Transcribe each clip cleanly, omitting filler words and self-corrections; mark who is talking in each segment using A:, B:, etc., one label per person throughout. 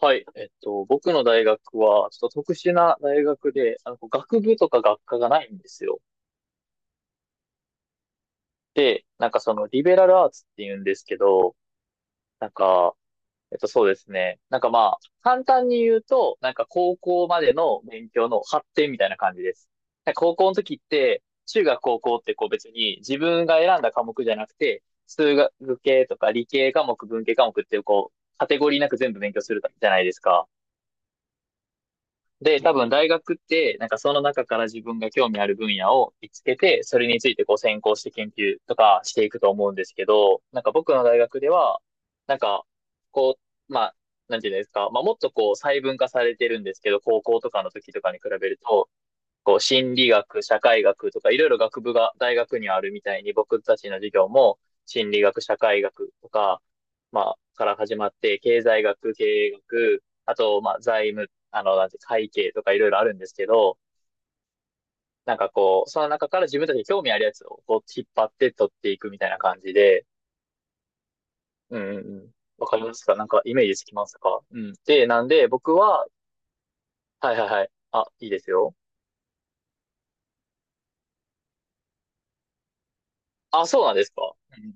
A: はい。僕の大学は、ちょっと特殊な大学で、こう学部とか学科がないんですよ。で、なんかその、リベラルアーツって言うんですけど、なんか、そうですね。なんかまあ、簡単に言うと、なんか高校までの勉強の発展みたいな感じです。なんか高校の時って、中学高校ってこう別に自分が選んだ科目じゃなくて、数学系とか理系科目、文系科目ってこう、カテゴリーなく全部勉強するじゃないですか。で、多分大学って、なんかその中から自分が興味ある分野を見つけて、それについてこう専攻して研究とかしていくと思うんですけど、なんか僕の大学では、なんか、こう、まあ、なんていうんですか、まあもっとこう細分化されてるんですけど、高校とかの時とかに比べると、こう、心理学、社会学とか、いろいろ学部が大学にあるみたいに、僕たちの授業も、心理学、社会学とか、まあ、から始まって、経済学、経営学、あと、まあ、財務、なんて、会計とかいろいろあるんですけど、なんかこう、その中から自分たちに興味あるやつをこう引っ張って取っていくみたいな感じで、うんうんうん。わかりますか？なんかイメージつきますか？うん。で、なんで僕は、はいはいはい。あ、いいですよ。あ、そうなんですか？うん。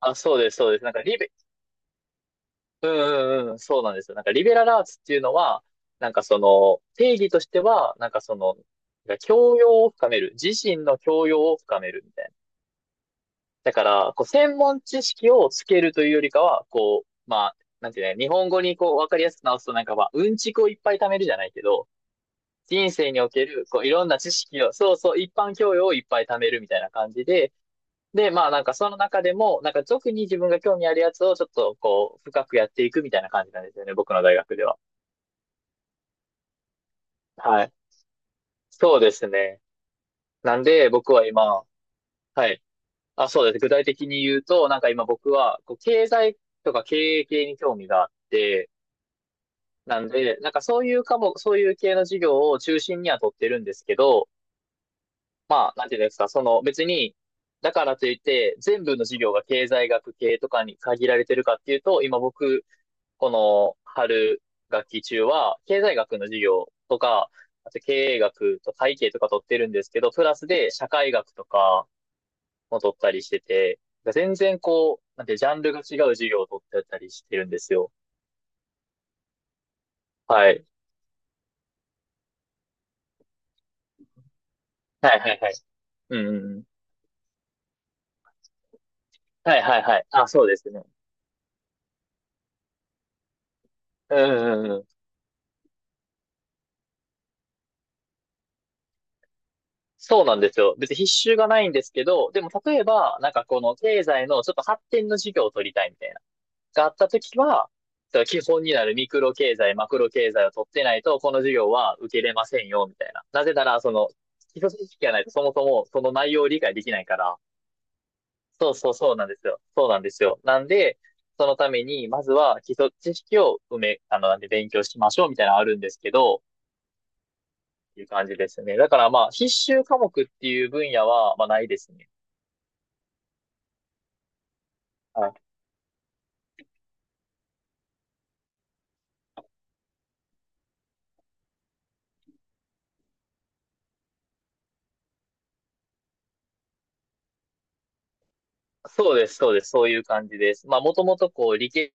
A: あ、そうです、そうです。なんかリベ、うんうんうん、そうなんですよ。なんかリベラルアーツっていうのは、なんかその定義としては、なんかその、教養を深める。自身の教養を深めるみたいな。だから、こう、専門知識をつけるというよりかは、こう、まあ、なんていうね、日本語にこう、わかりやすく直すとなんか、まあ、うんちくをいっぱい貯めるじゃないけど、人生における、こう、いろんな知識を、そうそう、一般教養をいっぱい貯めるみたいな感じで、で、まあなんかその中でも、なんか特に自分が興味あるやつをちょっとこう、深くやっていくみたいな感じなんですよね、僕の大学では。はい。そうですね。なんで僕は今、はい。あ、そうです。具体的に言うと、なんか今僕は、こう、経済とか経営系に興味があって、なんで、なんかそういう科目、そういう系の授業を中心には取ってるんですけど、まあ、なんていうんですか、その別に、だからといって、全部の授業が経済学系とかに限られてるかっていうと、今僕この春学期中は、経済学の授業とか、あと経営学と会計とか取ってるんですけど、プラスで社会学とかも取ったりしてて、全然こう、なんてジャンルが違う授業を取ってたりしてるんですよ。はい。はいはいはい。うんうんうん。はいはいはい。あ、そうですね。うんうんうん。そうなんですよ。別に必修がないんですけど、でも例えば、なんかこの経済のちょっと発展の授業を取りたいみたいな。があったときは、基本になるミクロ経済、マクロ経済を取ってないと、この授業は受けれませんよ、みたいな。なぜなら、その、基礎知識がないと、そもそもその内容を理解できないから、そうそうそうなんですよ。そうなんですよ。なんで、そのために、まずは基礎知識を埋め、なんで勉強しましょうみたいなのあるんですけど、っていう感じですね。だからまあ、必修科目っていう分野は、まあないですね。はい。そうです、そうです、そういう感じです。まあ、もともとこう、理系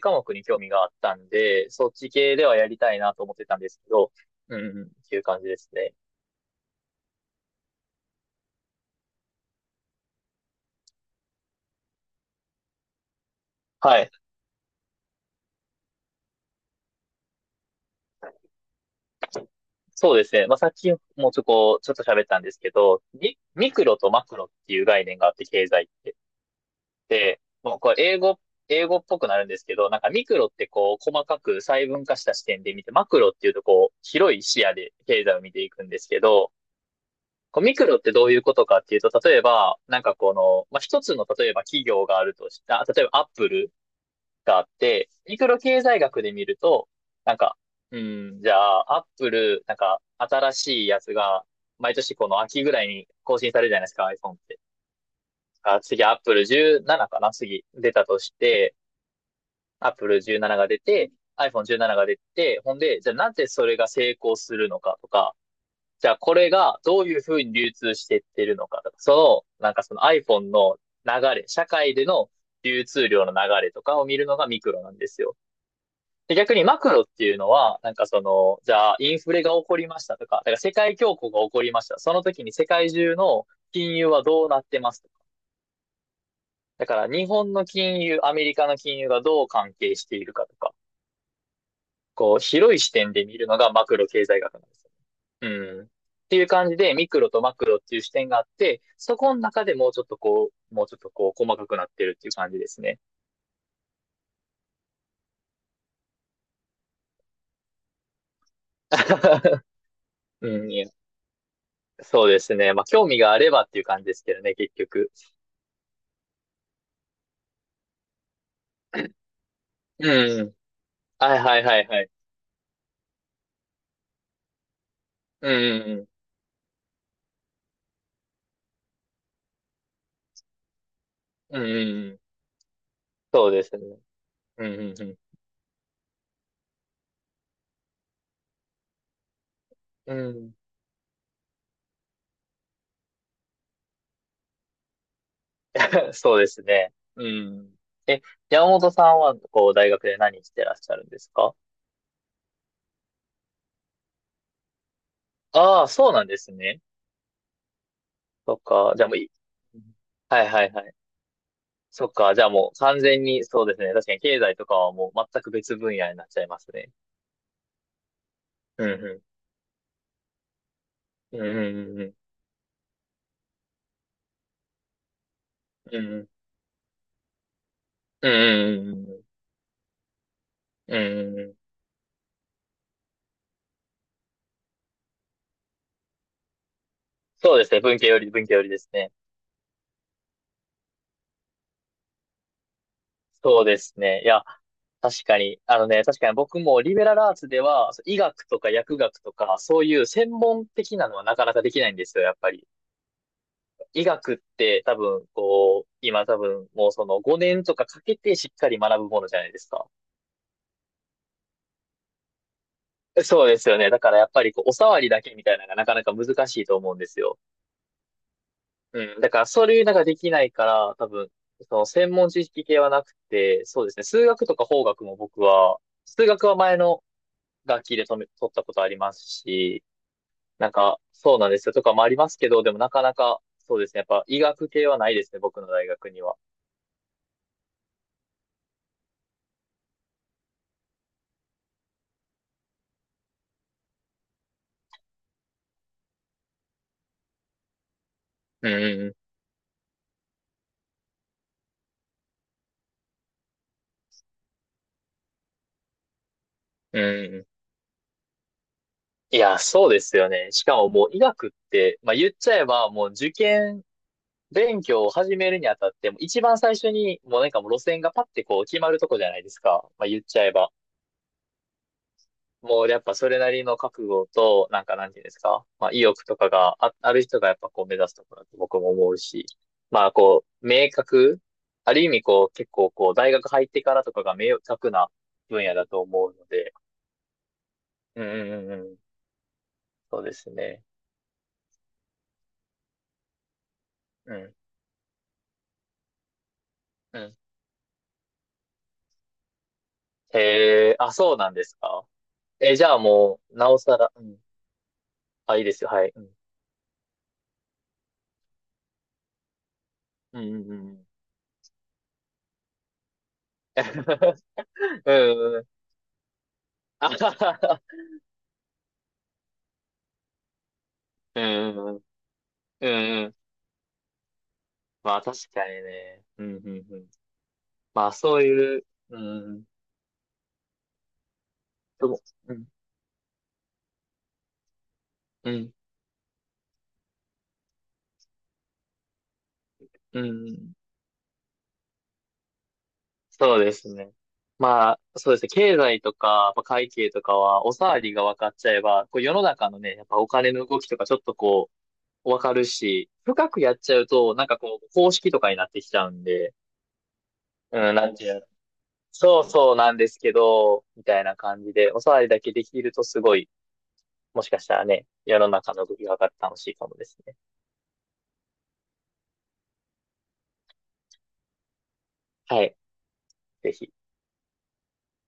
A: 科目に興味があったんで、そっち系ではやりたいなと思ってたんですけど、うんうん、っていう感じですね。はい。そうですね。まあ、さっきもちょっと喋ったんですけど、ミクロとマクロっていう概念があって、経済って。で、もうこれ英語っぽくなるんですけど、なんかミクロってこう、細かく細分化した視点で見て、マクロっていうとこう、広い視野で経済を見ていくんですけど、こうミクロってどういうことかっていうと、例えば、なんかこの、まあ、一つの、例えば企業があるとした、例えばアップルがあって、ミクロ経済学で見ると、なんか、うん、じゃあ、アップル、なんか、新しいやつが、毎年この秋ぐらいに更新されるじゃないですか、iPhone って。あ、次、アップル17かな、次、出たとして、アップル17が出て、iPhone17 が出て、ほんで、じゃあなぜそれが成功するのかとか、じゃあこれがどういうふうに流通してってるのかとか、その、なんかその iPhone の流れ、社会での流通量の流れとかを見るのがミクロなんですよ。で逆にマクロっていうのは、なんかその、じゃあインフレが起こりましたとか、だから世界恐慌が起こりました。その時に世界中の金融はどうなってますとか。だから日本の金融、アメリカの金融がどう関係しているかとか、こう広い視点で見るのがマクロ経済学なんですよ。うん。っていう感じで、ミクロとマクロっていう視点があって、そこの中でもうちょっとこう、細かくなってるっていう感じですね。うん、そうですね。まあ、興味があればっていう感じですけどね、結局。うん。はいはいはいはい。うんうんうん。うんうんうん。そうですね。うんうんうん。うん。そうですね。うん。え、山本さんは、こう、大学で何してらっしゃるんですか？ああ、そうなんですね。そっか。じゃあもういい。うん。はいはいはい。そっか。じゃあもう完全に、そうですね。確かに経済とかはもう全く別分野になっちゃいますね。うんうん。うんうんうんうん。うんうん。うんうんうんうん。うんうんうん。そうですね。文系より、文系よりですね。そうですね。いや、確かに僕もリベラルアーツでは、そう医学とか薬学とか、そういう専門的なのはなかなかできないんですよ、やっぱり。医学って多分、こう、今多分、もうその5年とかかけてしっかり学ぶものじゃないですか。そうですよね。だからやっぱりこう、お触りだけみたいなのがなかなか難しいと思うんですよ。うん。だからそれなんかできないから、多分、その専門知識系はなくて、そうですね。数学とか法学も僕は、数学は前の楽器で止め、撮ったことありますし、なんか、そうなんですよとかもありますけど、でもなかなか、そうですね。やっぱ医学系はないですね、僕の大学には。うんうんうん、うん。いや、そうですよね。しかももう医学って、まあ言っちゃえばもう受験勉強を始めるにあたって、もう一番最初にもうなんかもう路線がパッてこう決まるとこじゃないですか。まあ言っちゃえば。もうやっぱそれなりの覚悟と、なんかなんていうんですか、まあ意欲とかある人がやっぱこう目指すところだと僕も思うし、まあこう、ある意味こう結構こう大学入ってからとかが明確な分野だと思うので、うんうんうんうん、そうですね。うん、うん。へえ、あ、そうなんですか。え、じゃあもう、なおさら、うん。あ、いいですよ、はい。うん、うん、うん、うん。うん、うん。あはははうん、うん、うん。うん。まあ確かにね。うんうんうん。まあそういう、うん、でも、うん、うん、うん。そうですね。まあそうですね。経済とか、まあ、会計とかは、おさわりが分かっちゃえば、こう世の中のね、やっぱお金の動きとかちょっとこう、分かるし、深くやっちゃうと、なんかこう、公式とかになってきちゃうんで、うん、なんていうの。そうそうなんですけど、みたいな感じで、おさわりだけできるとすごい、もしかしたらね、世の中の動きが分かって楽しいかもですね。はい。ぜひ。